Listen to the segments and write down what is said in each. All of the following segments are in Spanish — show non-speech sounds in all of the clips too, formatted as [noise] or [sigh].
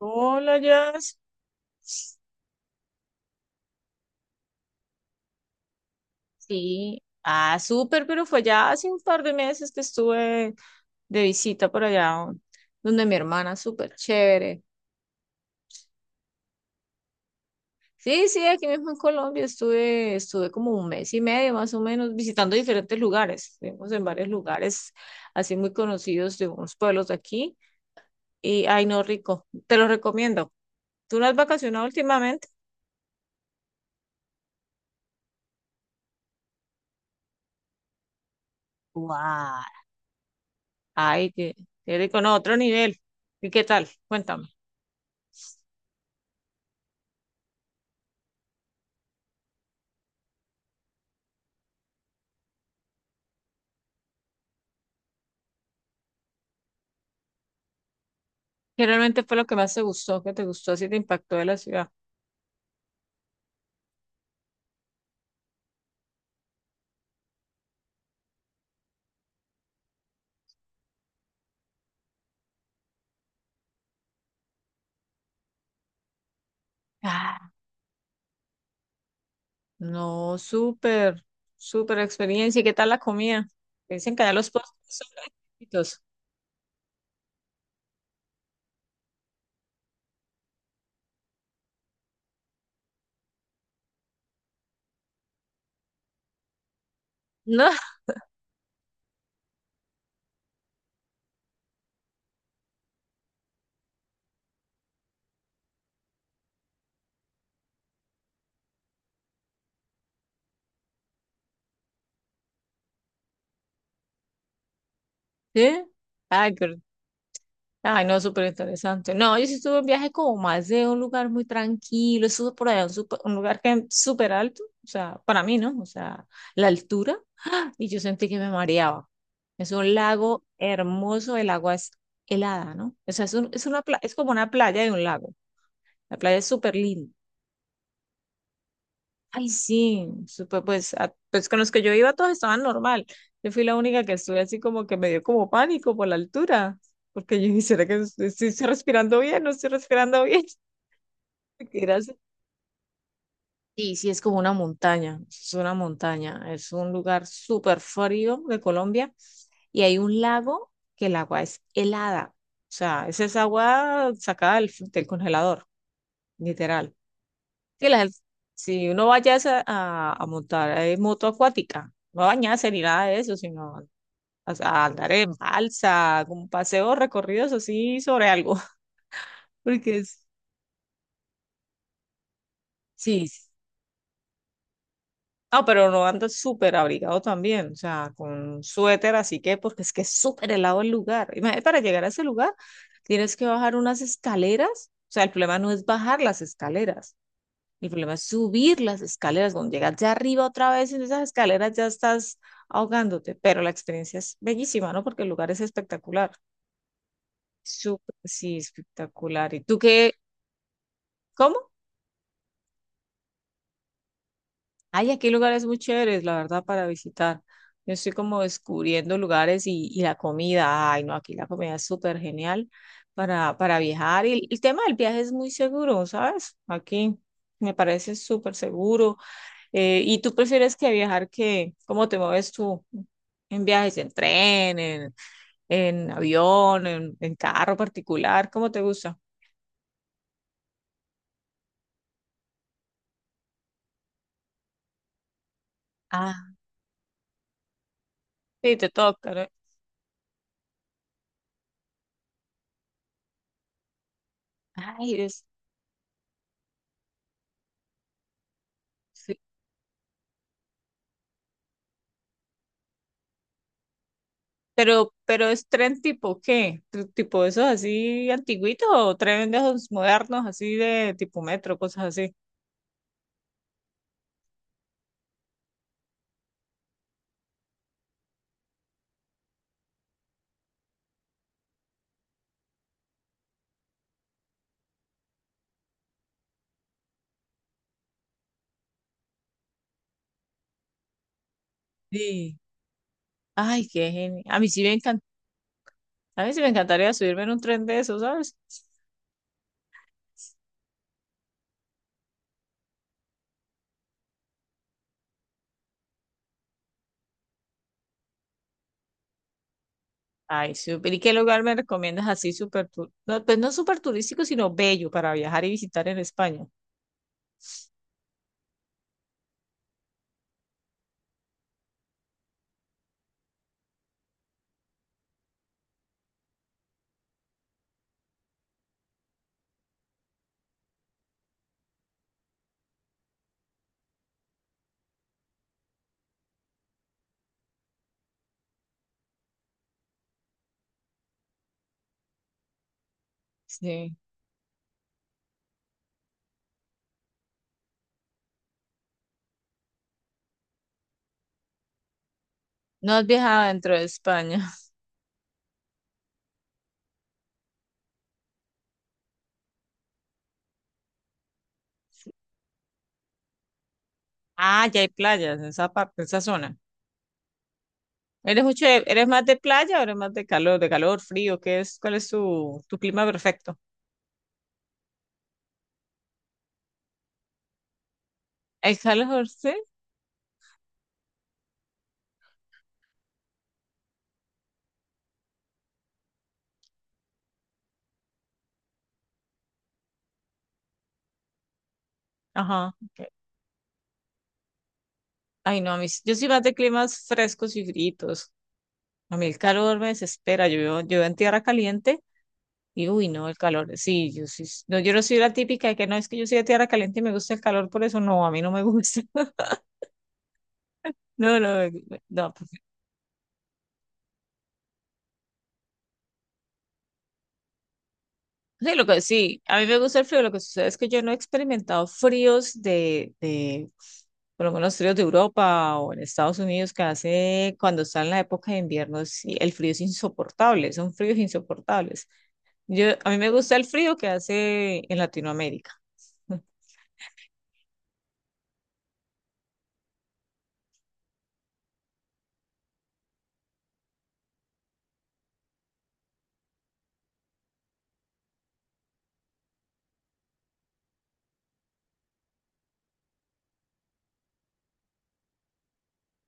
Hola, Jazz. Sí. Ah, súper, pero fue ya hace un par de meses que estuve de visita por allá, donde mi hermana, súper chévere. Sí, sí, aquí mismo en Colombia estuve, estuve como un mes y medio más o menos visitando diferentes lugares. Estuvimos en varios lugares así muy conocidos de unos pueblos de aquí y, ay, no, rico, te lo recomiendo. ¿Tú no has vacacionado últimamente? ¡Guau! Ay, qué, qué rico, no, otro nivel. ¿Y qué tal? Cuéntame. ¿Qué realmente fue lo que más te gustó? ¿Qué te gustó? ¿Así te impactó de la ciudad? Ah, no, súper, súper experiencia. ¿Y qué tal la comida? Dicen que allá los postres son exquisitos. No. [laughs] ¿Sí? Ay, qué, ay, no, súper interesante. No, yo sí estuve en viaje como más de un lugar muy tranquilo. Estuve por allá, un, supe- un lugar que es súper alto. O sea, para mí, ¿no? O sea, la altura. Y yo sentí que me mareaba. Es un lago hermoso, el agua es helada, ¿no? O sea, es un- es una pla- es como una playa de un lago. La playa es súper linda. Ay, sí, súper, pues, a- pues con los que yo iba todos estaban normal. Yo fui la única que estuve así como que me dio como pánico por la altura, porque yo dije, ¿será que es- sí estoy respirando bien? ¿No estoy respirando bien? [laughs] Porque era así. Sí, sí, es como una montaña, es un lugar súper frío de Colombia y hay un lago que el agua es helada, o sea, es esa agua sacada del congelador, literal. Sí, la gente, si uno vaya a, esa- a montar moto acuática, no a bañarse ni nada de eso, sino a andar en balsa, como paseos recorridos así sobre algo. [laughs] Porque es, sí, sí. No, pero no anda súper abrigado también, o sea, con suéter, así que, porque es que es súper helado el lugar. Imagínate, para llegar a ese lugar tienes que bajar unas escaleras, o sea, el problema no es bajar las escaleras. El problema es subir las escaleras. Cuando llegas ya arriba otra vez en esas escaleras ya estás ahogándote, pero la experiencia es bellísima, ¿no? Porque el lugar es espectacular. Súper, sí, espectacular. ¿Y tú qué? ¿Cómo? Ay, aquí hay lugares muy chéveres, la verdad, para visitar. Yo estoy como descubriendo lugares y la comida. Ay, no, aquí la comida es súper genial para viajar. Y el tema del viaje es muy seguro, ¿sabes? Aquí me parece súper seguro. ¿Y tú prefieres que viajar que, cómo te mueves tú en viajes, en tren, en avión, en carro particular? ¿Cómo te gusta? Ah, sí, te toca, ¿no? Ay, es, sí. Pero es tren tipo ¿qué? ¿Tr- ¿Tipo esos así antiguitos o tren de esos modernos, así de tipo metro, cosas así? Sí. Ay, qué genio. A mí sí me encanta, a mí sí me encantaría subirme en un tren de esos, ¿sabes? Ay, súper. ¿Y qué lugar me recomiendas así súper tu- no, pues no súper turístico, sino bello para viajar y visitar en España? Sí. No has viajado dentro de España. [laughs] Ah, ya hay playas en esa parte, en esa zona. ¿Eres mucho de- eres más de playa o eres más de calor, frío? ¿Qué es? ¿Cuál es tu, tu clima perfecto? ¿El calor, sí? Ajá. Ok. Ay, no, a mí, sí, yo soy más de climas frescos y fríos. A mí el calor me desespera. Yo vivo en tierra caliente. Y uy, no, el calor, sí, yo sí, no, yo no soy la típica de que no, es que yo soy de tierra caliente y me gusta el calor, por eso no, a mí no me gusta. [laughs] No, no, me- me- no, pues. Sí, lo que, sí, a mí me gusta el frío, lo que sucede es que yo no he experimentado fríos de, por lo menos fríos de Europa o en Estados Unidos, que hace cuando está en la época de invierno, sí, el frío es insoportable, son fríos insoportables. Yo, a mí me gusta el frío que hace en Latinoamérica. [laughs]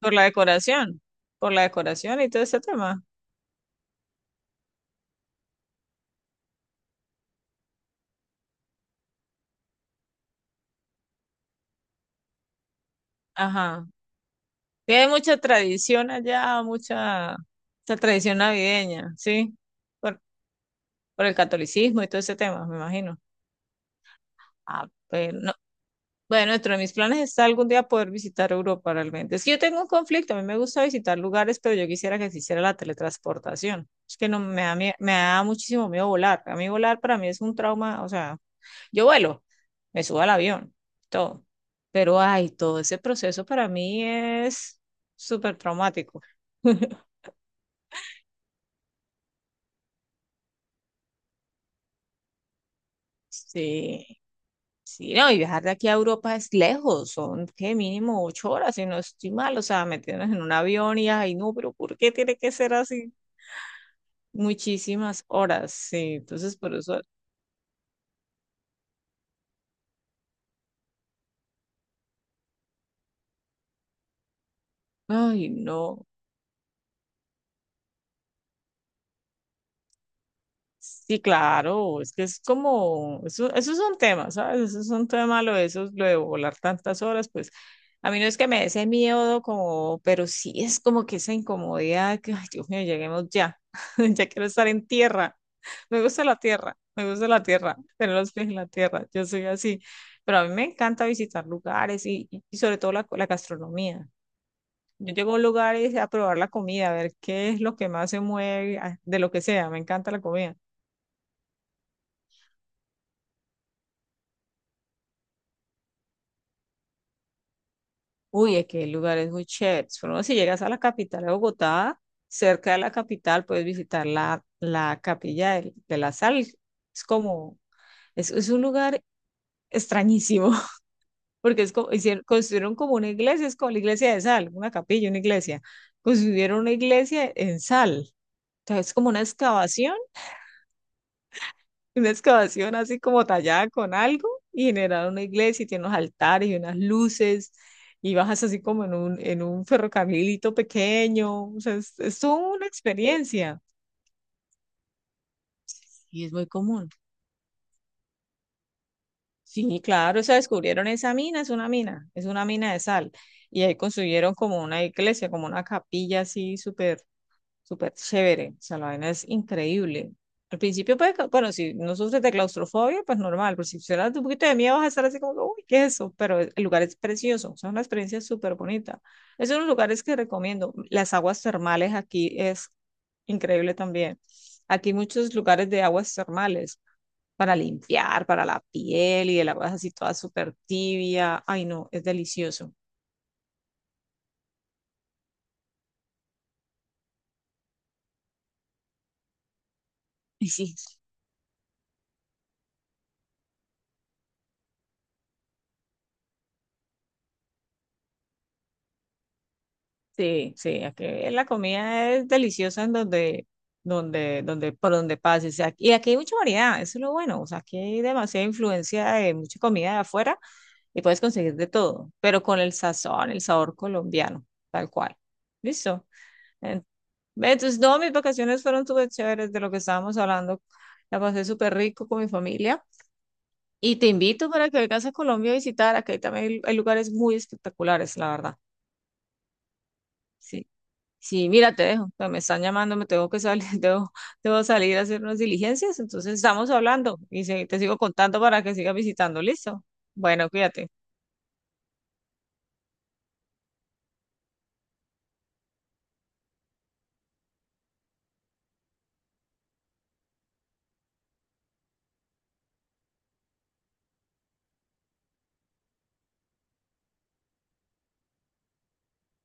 Por la decoración, por la decoración y todo ese tema. Ajá. Sí, hay mucha tradición allá, mucha, mucha tradición navideña, ¿sí? Por, por el catolicismo y todo ese tema, me imagino. Ah, pero no. Bueno, dentro de mis planes está algún día poder visitar Europa realmente. Es que yo tengo un conflicto, a mí me gusta visitar lugares, pero yo quisiera que se hiciera la teletransportación. Es que no me da, mie- me da muchísimo miedo volar. A mí volar para mí es un trauma, o sea, yo vuelo, me subo al avión, todo. Pero ay, todo ese proceso para mí es súper traumático. [laughs] Sí, sí, no, y viajar de aquí a Europa es lejos, son que mínimo 8 horas, si no estoy mal, o sea, meternos en un avión y ay, no, pero ¿por qué tiene que ser así? Muchísimas horas, sí, entonces por eso, ay, no. Sí, claro, es que es como, eso es un tema, ¿sabes? Eso es un tema, lo de, esos- lo de volar tantas horas, pues a mí no es que me dé ese miedo, como, pero sí es como que esa incomodidad, que, ay, Dios mío, lleguemos ya, [laughs] ya quiero estar en tierra, me gusta la tierra, me gusta la tierra, tener los pies en la tierra, yo soy así, pero a mí me encanta visitar lugares y sobre todo la, la gastronomía. Yo llego a un lugar y a probar la comida, a ver qué es lo que más se mueve, a- de lo que sea, me encanta la comida. Uy, es que hay lugares muy chéveres. Por ejemplo, si llegas a la capital de Bogotá, cerca de la capital puedes visitar la, la capilla del- de, la sal. Es como, es un lugar extrañísimo, [laughs] porque es como, hicieron, construyeron como una iglesia, es como la iglesia de sal, una capilla, una iglesia. Construyeron una iglesia en sal. Entonces, es como una excavación, una excavación así como tallada con algo y generaron una iglesia y tiene unos altares y unas luces y bajas así como en un ferrocamilito pequeño. O sea, es toda una experiencia y es muy común. Sí, claro, o sea, descubrieron esa mina, es una mina, es una mina de sal. Y ahí construyeron como una iglesia, como una capilla así súper. Súper chévere, o sea, la vaina es increíble. Al principio, pues, ca- bueno, si no sufres de claustrofobia, pues normal, pero si te sufres un poquito de miedo vas a estar así como, que, uy, ¿qué es eso? Pero el lugar es precioso, o sea, una experiencia súper bonita. Es uno de los lugares que recomiendo. Las aguas termales aquí es increíble también. Aquí hay muchos lugares de aguas termales para limpiar, para la piel y el agua es así toda súper tibia. Ay, no, es delicioso. [laughs] Y sí. Sí, sí, aquí la comida es deliciosa en donde, donde, donde, por donde pases. Ac- y aquí hay mucha variedad, eso es lo bueno. O sea, aquí hay demasiada influencia de mucha comida de afuera y puedes conseguir de todo, pero con el sazón, el sabor colombiano, tal cual. ¿Listo? En- entonces, no, mis vacaciones fueron súper chéveres de lo que estábamos hablando. La pasé súper rico con mi familia y te invito para que vengas a Colombia a visitar. Aquí también hay hay lugares muy espectaculares, la verdad. Sí. Sí, mira, te dejo, no, me están llamando, me tengo que salir, [laughs] debo, debo salir a hacer unas diligencias. Entonces estamos hablando y se- te sigo contando para que sigas visitando. ¿Listo? Bueno, cuídate.